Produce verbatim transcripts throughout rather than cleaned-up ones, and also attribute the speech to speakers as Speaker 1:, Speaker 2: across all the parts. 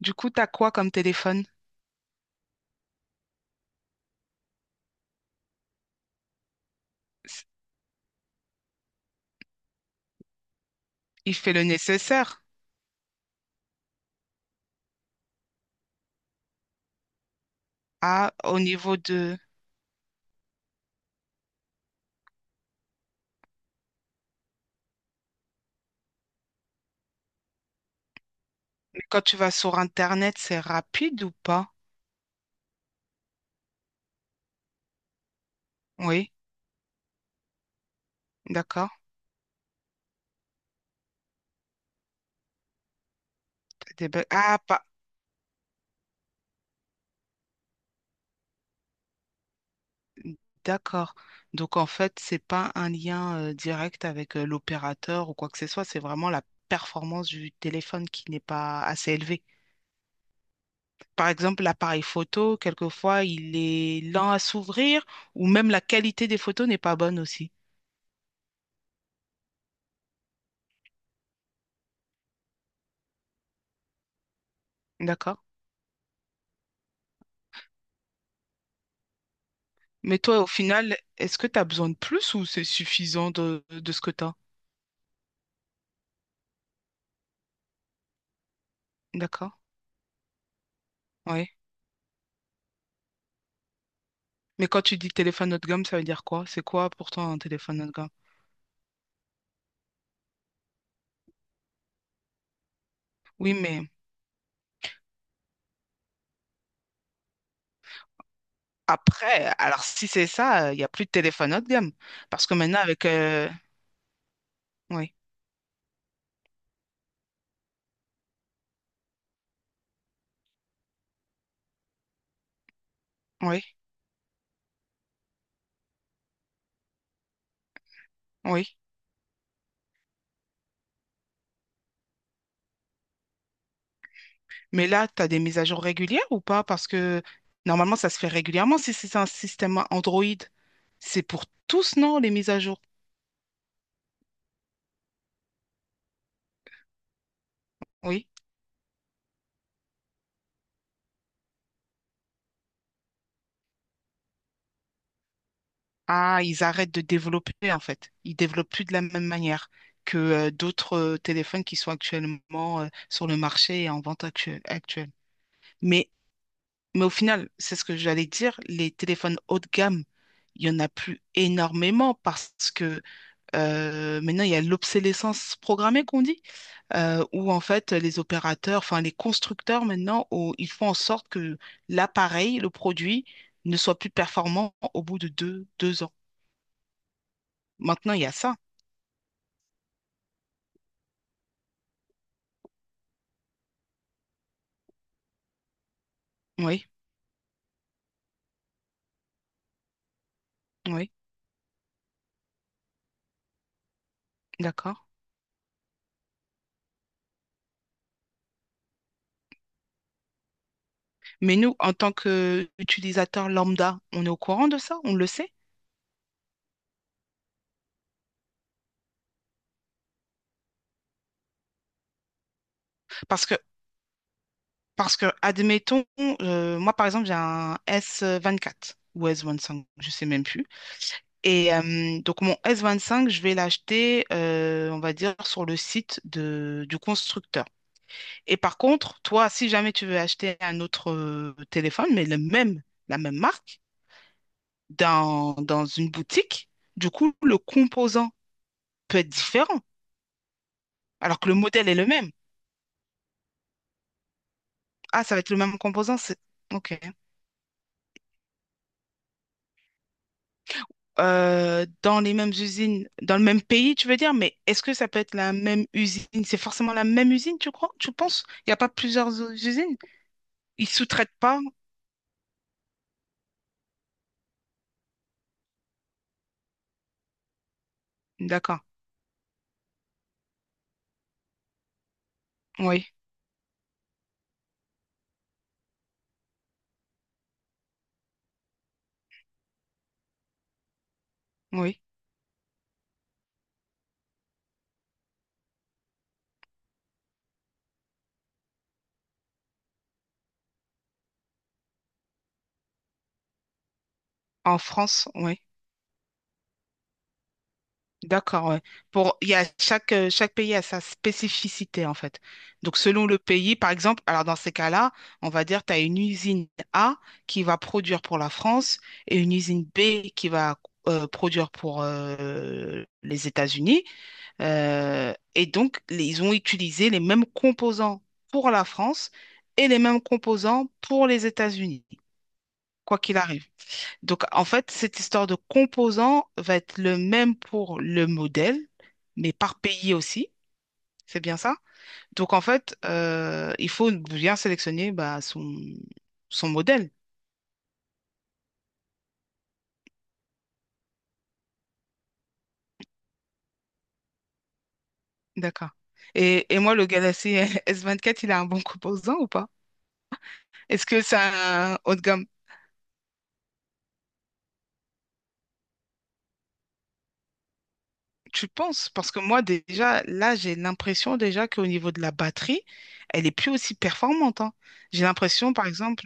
Speaker 1: Du coup, t'as quoi comme téléphone? S- Il fait le nécessaire. Ah, au niveau de... Mais quand tu vas sur Internet, c'est rapide ou pas? Oui, d'accord. T'as des bugs. Ah, pas... D'accord. Donc, en fait, c'est pas un lien euh, direct avec euh, l'opérateur ou quoi que ce soit. C'est vraiment la performance du téléphone qui n'est pas assez élevée. Par exemple, l'appareil photo, quelquefois, il est lent à s'ouvrir ou même la qualité des photos n'est pas bonne aussi. D'accord? Mais toi, au final, est-ce que tu as besoin de plus ou c'est suffisant de, de ce que tu as? D'accord? Ouais. Mais quand tu dis téléphone haut de gamme, ça veut dire quoi? C'est quoi pour toi un téléphone haut de gamme? Oui, mais après, alors si c'est ça, il n'y a plus de téléphone haut de gamme. Parce que maintenant, avec... euh, Oui, oui, oui. Mais là, tu as des mises à jour régulières ou pas? Parce que normalement, ça se fait régulièrement si c'est un système Android. C'est pour tous, non, les mises à jour? Oui. Ah, ils arrêtent de développer en fait. Ils développent plus de la même manière que euh, d'autres euh, téléphones qui sont actuellement euh, sur le marché et en vente actu- actuelle. Mais, mais au final, c'est ce que j'allais dire, les téléphones haut de gamme, il y en a plus énormément parce que euh, maintenant il y a l'obsolescence programmée qu'on dit, euh, où en fait les opérateurs, enfin les constructeurs maintenant, oh, ils font en sorte que l'appareil, le produit, ne soit plus performant au bout de deux, deux ans. Maintenant, il y a ça. Oui, oui, d'accord. Mais nous, en tant qu'utilisateur lambda, on est au courant de ça, on le sait. Parce que, parce que admettons, euh, moi par exemple, j'ai un s vingt quatre ou s vingt cinq, je sais même plus. Et euh, donc mon s vingt cinq, je vais l'acheter, euh, on va dire, sur le site de, du constructeur. Et par contre, toi, si jamais tu veux acheter un autre euh, téléphone, mais le même, la même marque, dans, dans une boutique, du coup, le composant peut être différent. Alors que le modèle est le même. Ah, ça va être le même composant, c'est... Ok. Euh, dans les mêmes usines, dans le même pays, tu veux dire, mais est-ce que ça peut être la même usine? C'est forcément la même usine, tu crois? Tu penses? Il n'y a pas plusieurs usines? Ils sous-traitent pas? D'accord. Oui, oui. En France, oui. D'accord, ouais. Pour, il y a chaque, euh, chaque pays a sa spécificité, en fait. Donc, selon le pays, par exemple, alors dans ces cas-là, on va dire tu as une usine A qui va produire pour la France et une usine B qui va euh, produire pour euh, les États-Unis. Euh, et donc, les- ils ont utilisé les mêmes composants pour la France et les mêmes composants pour les États-Unis, quoi qu'il arrive. Donc, en fait, cette histoire de composants va être le même pour le modèle, mais par pays aussi. C'est bien ça? Donc, en fait, euh, il faut bien sélectionner bah, son, son modèle. D'accord. Et, et moi, le Galaxy S vingt-quatre, il a un bon composant ou pas? Est-ce que c'est un haut de gamme? Tu penses? Parce que moi, déjà, là, j'ai l'impression déjà qu'au niveau de la batterie, elle est plus aussi performante, hein. J'ai l'impression, par exemple,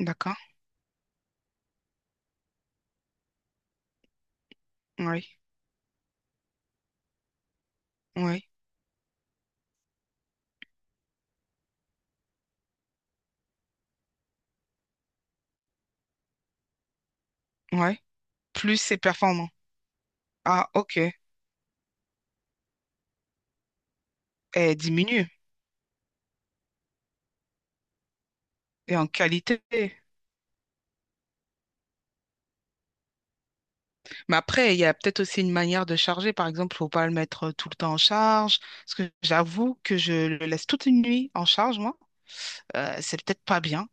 Speaker 1: d'accord, oui, oui, oui, plus c'est performant. Ah, ok. Elle diminue. Et en qualité. Mais après, il y a peut-être aussi une manière de charger. Par exemple, faut pas le mettre euh, tout le temps en charge. Parce que j'avoue que je le laisse toute une nuit en charge, moi. Euh, c'est peut-être pas bien.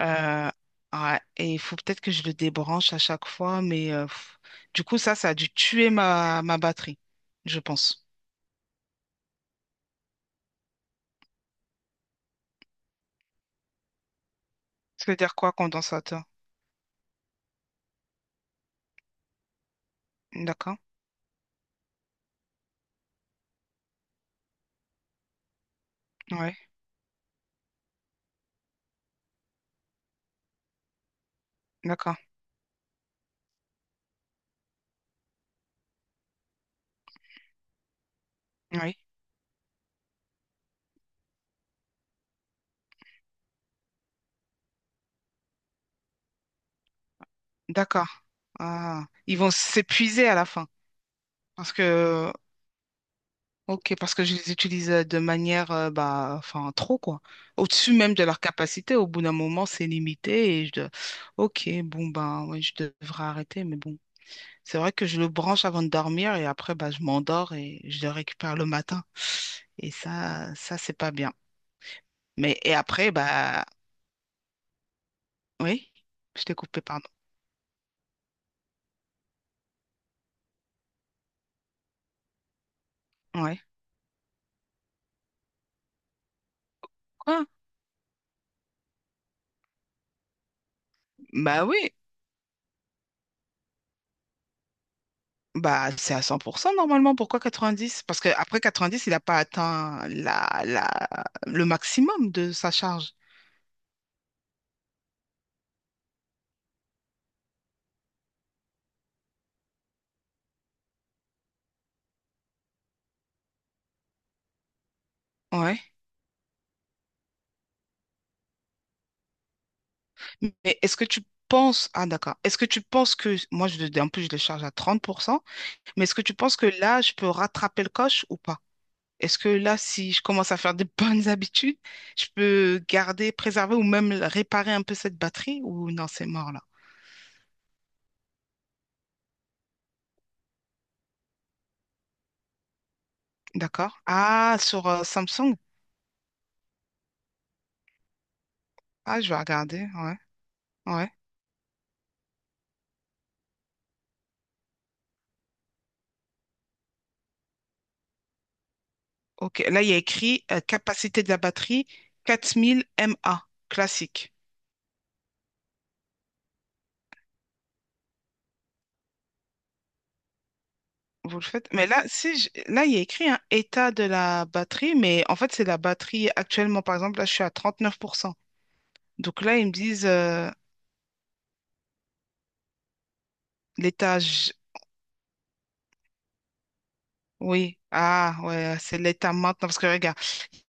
Speaker 1: Euh, ouais. Et il faut peut-être que je le débranche à chaque fois. Mais euh, pff. Du coup, ça, ça a dû tuer ma, ma batterie, je pense. Ça veut dire quoi, condensateur? D'accord. Ouais. D'accord. Oui. D'accord. Ah. Ils vont s'épuiser à la fin. Parce que ok, parce que je les utilise euh, de manière, euh, bah, enfin, trop, quoi. Au-dessus même de leur capacité, au bout d'un moment, c'est limité et je dois- Ok, bon, ben, ouais, je devrais arrêter, mais bon. C'est vrai que je le branche avant de dormir et après, bah, je m'endors et je le récupère le matin. Et ça, ça, c'est pas bien. Mais, et après, bah, oui, je t'ai coupé, pardon. Ouais. Quoi? Bah oui, bah, c'est à cent pour cent normalement. Pourquoi quatre-vingt-dix? Parce que après quatre-vingt-dix il n'a pas atteint la, la, le maximum de sa charge. Ouais. Mais est-ce que tu penses... Ah, d'accord. Est-ce que tu penses que... Moi, je, le- en plus, je le charge à trente pour cent. Mais est-ce que tu penses que là, je peux rattraper le coche ou pas? Est-ce que là, si je commence à faire de bonnes habitudes, je peux garder, préserver ou même réparer un peu cette batterie? Ou non, c'est mort là. D'accord. Ah, sur euh, Samsung. Ah, je vais regarder, ouais. Ouais. Ok, là, il y a écrit euh, capacité de la batterie quatre mille mAh, classique. Vous le faites? Mais là, si je- là, il y a écrit un état de la batterie, mais en fait, c'est la batterie actuellement. Par exemple, là, je suis à trente-neuf pour cent. Donc là, ils me disent euh, l'étage. Oui. Ah, ouais, c'est l'état maintenant. Parce que regarde,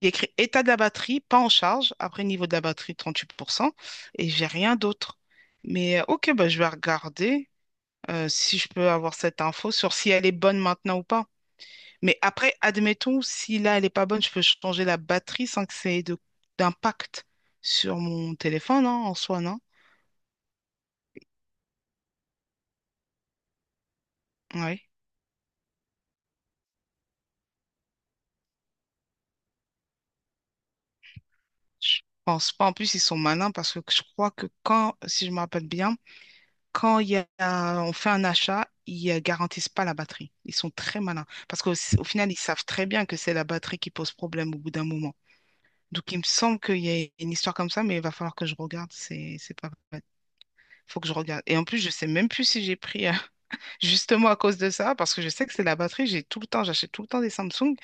Speaker 1: il y a écrit état de la batterie, pas en charge. Après, niveau de la batterie, trente-huit pour cent. Et j'ai rien d'autre. Mais euh, ok, bah, je vais regarder euh, si je peux avoir cette info sur si elle est bonne maintenant ou pas. Mais après, admettons, si là, elle n'est pas bonne, je peux changer la batterie sans que ça ait de- d'impact sur mon téléphone, hein, en soi, non? Oui. Je pense pas. En plus, ils sont malins parce que je crois que quand, si je me rappelle bien, quand il y a, on fait un achat, ils euh, garantissent pas la batterie. Ils sont très malins. Parce qu'au au final, ils savent très bien que c'est la batterie qui pose problème au bout d'un moment. Donc, il me semble qu'il y a une histoire comme ça, mais il va falloir que je regarde. C'est, c'est pas vrai. Faut que je regarde. Et en plus, je sais même plus si j'ai pris euh, justement à cause de ça, parce que je sais que c'est la batterie, j'ai tout le temps, j'achète tout le temps des Samsung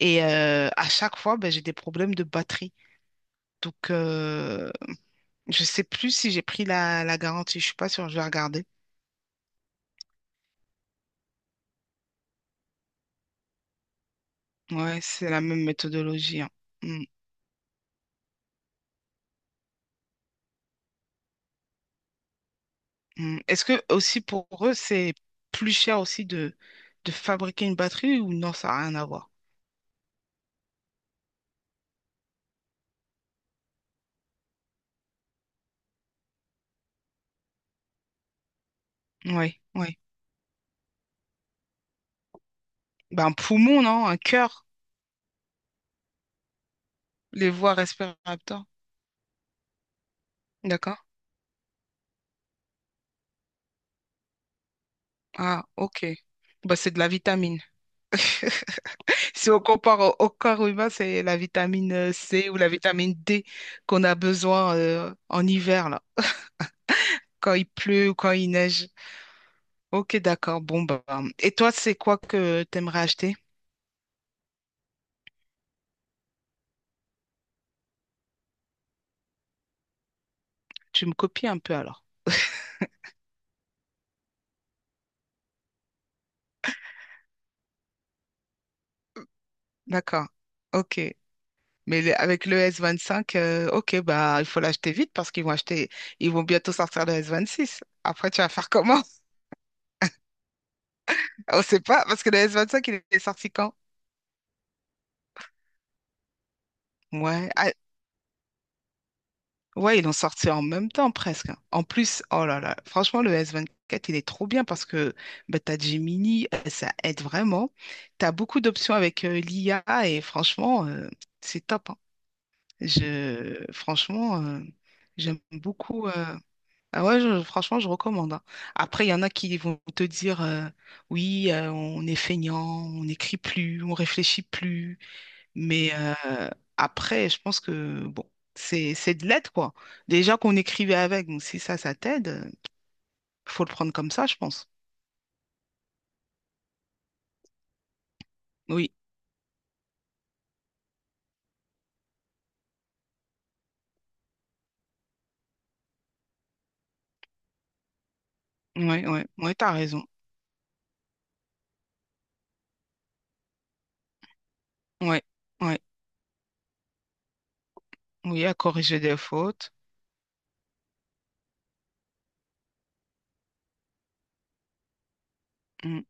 Speaker 1: et euh, à chaque fois, ben, j'ai des problèmes de batterie. Donc, euh, je sais plus si j'ai pris la, la garantie, je suis pas sûre, je vais regarder. Ouais, c'est la même méthodologie, hein. Mm, mm. Est-ce que aussi pour eux, c'est plus cher aussi de, de fabriquer une batterie ou non, ça n'a rien à voir? Oui, oui. Ben, un poumon, non? Un cœur, les voies respiratoires. D'accord? Ah, ok. Bah, c'est de la vitamine. Si on compare au, au corps humain, c'est la vitamine euh, C ou la vitamine D qu'on a besoin euh, en hiver, là, quand il pleut ou quand il neige. Ok, d'accord. Bon, bah. Bah. Et toi, c'est quoi que tu aimerais acheter? Tu me copies un peu alors. D'accord. Ok. Mais le- avec le S vingt-cinq, euh, ok, bah, il faut l'acheter vite parce qu'ils vont acheter, ils vont bientôt sortir le S vingt-six. Après, tu vas faire comment? On sait pas, parce que le S vingt-cinq, il est sorti quand? Ouais. Ah, ouais, ils l'ont sorti en même temps presque. En plus, oh là là, franchement, le S vingt-quatre, il est trop bien parce que bah, tu as Gemini, euh, ça aide vraiment. Tu as beaucoup d'options avec euh, l'I A et franchement, euh, c'est top, hein. Je, franchement, euh, j'aime beaucoup, euh, ah ouais, je- franchement, je recommande, hein. Après, il y en a qui vont te dire euh, oui, euh, on est feignant, on n'écrit plus, on réfléchit plus. Mais euh, après, je pense que bon, c'est c'est de l'aide, quoi. Déjà qu'on écrivait avec, donc si ça, ça t'aide, euh, faut le prendre comme ça, je pense. Oui, ouais, ouais, ouais, t'as raison. Ouais, ouais, oui, à corriger des fautes. Mm,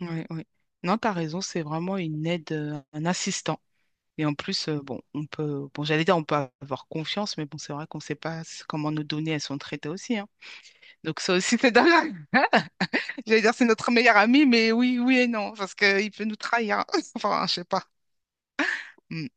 Speaker 1: ouais, ouais. Non, t'as raison, c'est vraiment une aide, euh, un assistant. Et en plus, euh, bon, on peut, bon, j'allais dire, on peut avoir confiance, mais bon, c'est vrai qu'on ne sait pas s- comment nos données, elles sont traitées aussi, hein. Donc ça aussi, c'est dingue. J'allais dire c'est notre meilleur ami, mais oui, oui et non, parce qu'il peut nous trahir. Enfin, je sais pas. Hmm.